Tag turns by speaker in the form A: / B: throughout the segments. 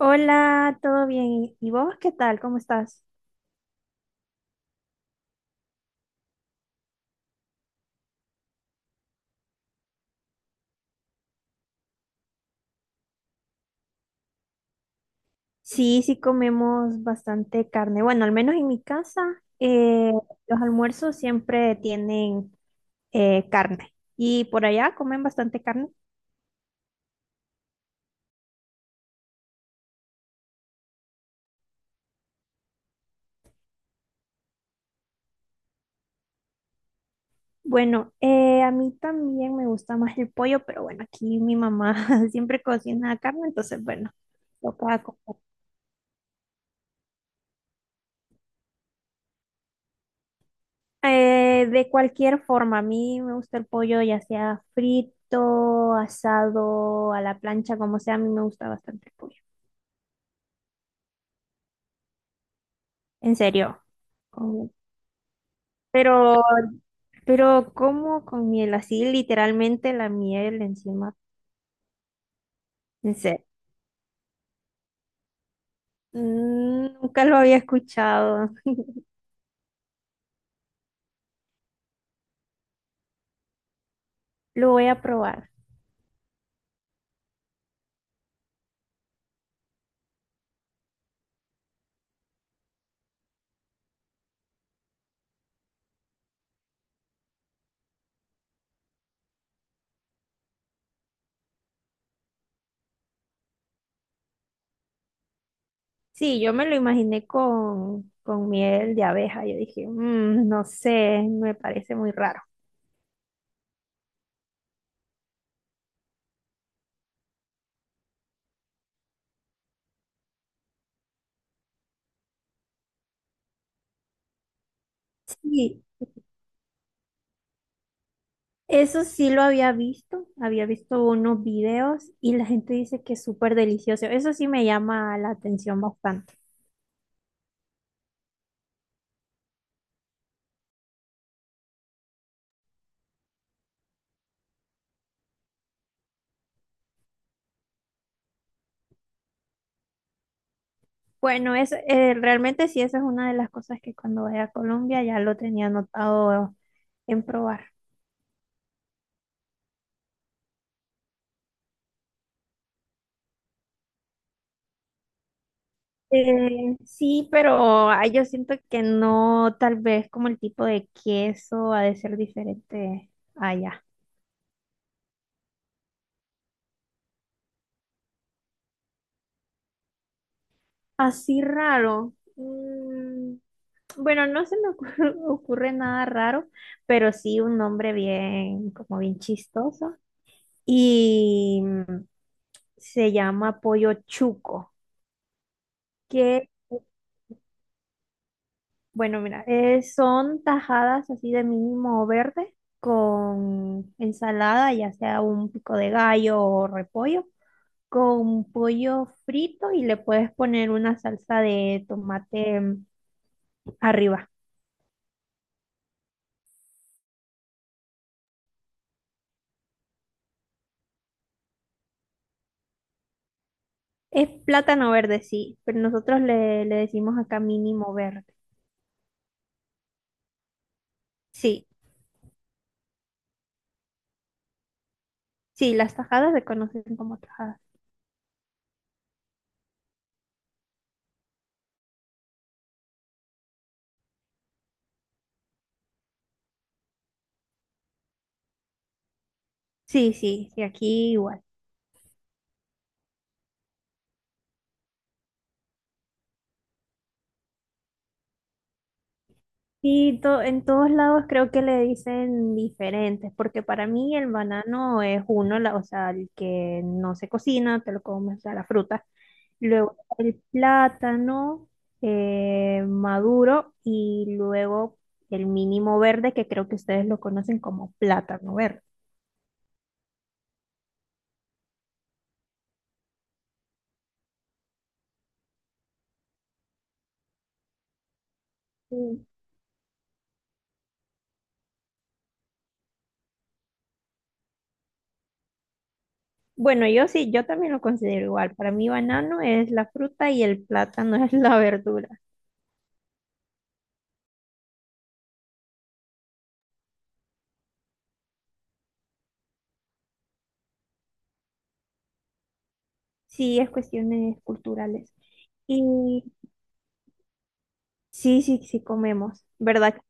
A: Hola, ¿todo bien? ¿Y vos qué tal? ¿Cómo estás? Sí, sí comemos bastante carne. Bueno, al menos en mi casa, eh, los almuerzos siempre tienen carne. ¿Y por allá comen bastante carne? Bueno, a mí también me gusta más el pollo, pero bueno, aquí mi mamá siempre cocina carne, entonces bueno, toca comer. De cualquier forma, a mí me gusta el pollo, ya sea frito, asado, a la plancha, como sea, a mí me gusta bastante el pollo. En serio. Con- Pero, pero ¿cómo con miel? Así literalmente la miel encima. En serio. Mm, nunca lo había escuchado. Lo voy a probar. Sí, yo me lo imaginé con miel de abeja. Yo dije: "Mm, no sé, me parece muy raro". Sí, eso sí lo había visto. Había visto unos videos y la gente dice que es súper delicioso. Eso sí me llama la atención bastante. Bueno, es, realmente sí, esa es una de las cosas que cuando vaya a Colombia ya lo tenía anotado en probar. Sí, pero ah, yo siento que no, tal vez como el tipo de queso ha de ser diferente allá. Así raro. Mm, bueno, no se me ocurre, ocurre nada raro, pero sí un nombre bien, como bien chistoso. Y mm, se llama pollo chuco, que bueno, mira, son tajadas así de mínimo verde con ensalada, ya sea un pico de gallo o repollo, con pollo frito y le puedes poner una salsa de tomate mm, arriba. Es plátano verde, sí, pero nosotros le, le decimos acá mínimo verde. Sí, sí, las tajadas se conocen como tajadas. Sí, sí, sí, aquí igual. En todos lados creo que le dicen diferentes, porque para mí el banano es uno, la, o sea, el que no se cocina, te lo comes, o sea, la fruta. Luego el plátano maduro, y luego el mínimo verde, que creo que ustedes lo conocen como plátano verde. Mm. Bueno, yo sí, yo también lo considero igual. Para mí banano es la fruta y el plátano es la verdura. Sí, es cuestiones culturales. Y sí, sí, sí comemos, ¿verdad? Que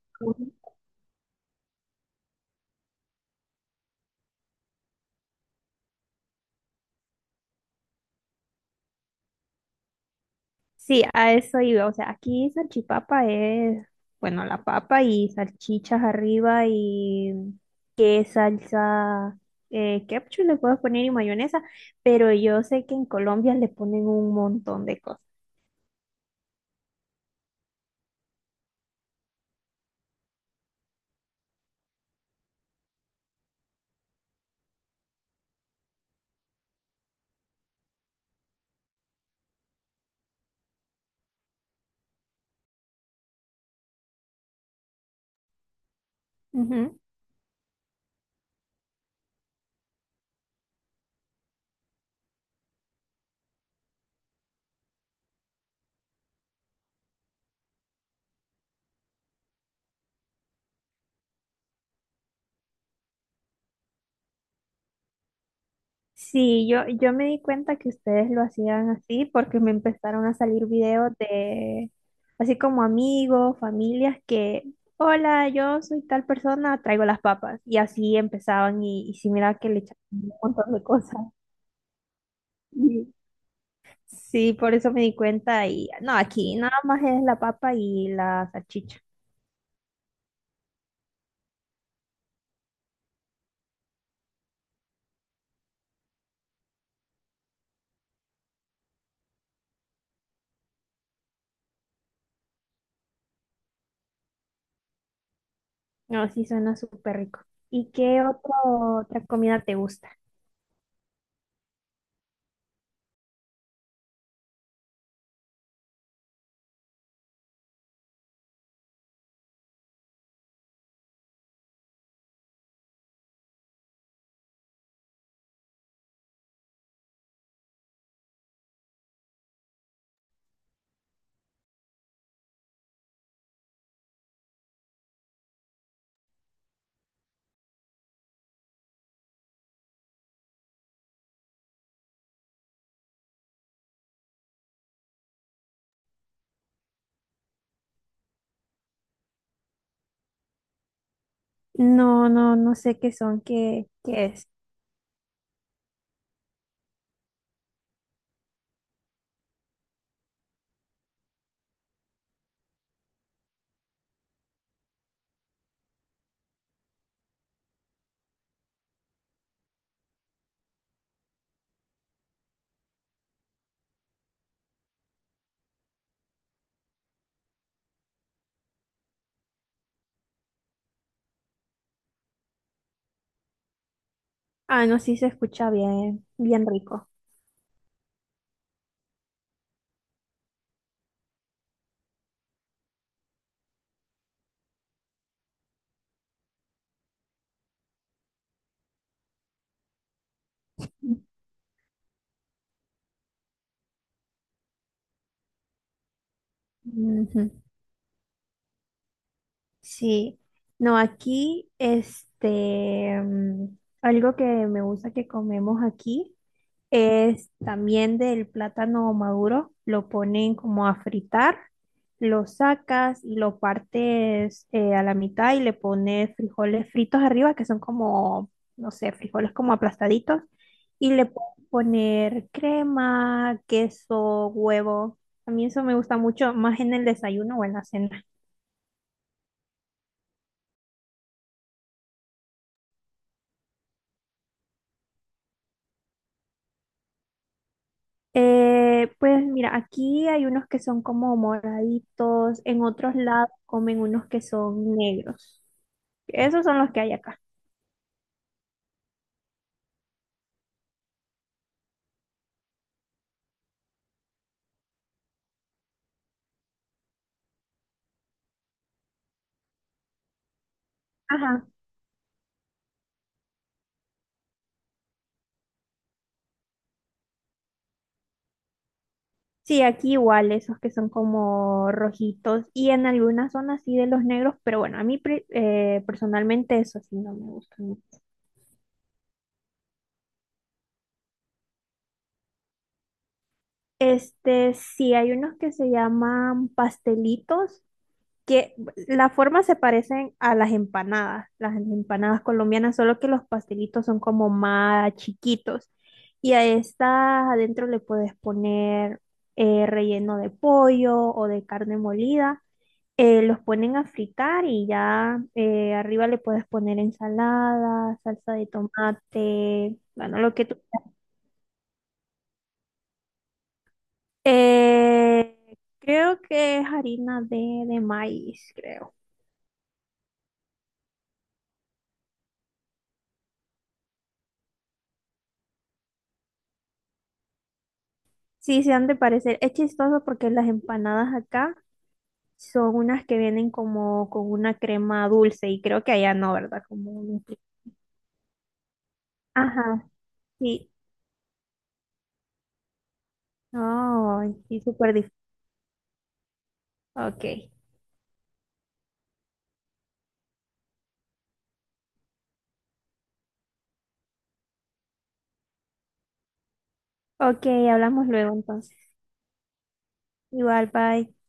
A: sí, a eso iba. O sea, aquí salchipapa es, bueno, la papa y salchichas arriba y qué salsa, ketchup le puedes poner y mayonesa, pero yo sé que en Colombia le ponen un montón de cosas. Sí, yo me di cuenta que ustedes lo hacían así porque me empezaron a salir videos de, así como amigos, familias que, hola, yo soy tal persona, traigo las papas. Y así empezaban y sí, mira que le echaban un montón de cosas. Y sí, por eso me di cuenta y, no, aquí nada más es la papa y la salchicha. No, sí, suena súper rico. ¿Y qué otro, otra comida te gusta? No, no, no sé qué son, qué, qué es. Ah, no, sí se escucha bien, bien rico. Ujú. Sí, no, aquí, este, mm, algo que me gusta que comemos aquí es también del plátano maduro, lo ponen como a fritar, lo sacas y lo partes a la mitad y le pones frijoles fritos arriba, que son como, no sé, frijoles como aplastaditos, y le puedes poner crema, queso, huevo. A mí eso me gusta mucho, más en el desayuno o en la cena. Pues mira, aquí hay unos que son como moraditos, en otros lados comen unos que son negros. Esos son los que hay acá. Ajá. Sí, aquí igual, esos que son como rojitos y en algunas zonas sí de los negros, pero bueno, a mí personalmente eso sí no me gusta. Este, sí, hay unos que se llaman pastelitos que las formas se parecen a las empanadas colombianas, solo que los pastelitos son como más chiquitos. Y a estas adentro le puedes poner relleno de pollo o de carne molida. Los ponen a fritar y ya arriba le puedes poner ensalada, salsa de tomate, bueno, lo que tú... Eh, Creo que es harina de maíz, creo. Sí, se han de parecer. Es chistoso porque las empanadas acá son unas que vienen como con una crema dulce y creo que allá no, ¿verdad? Como un... Ajá, sí. Ay, sí, súper difícil. Ok. Ok, hablamos luego entonces. Igual, bye.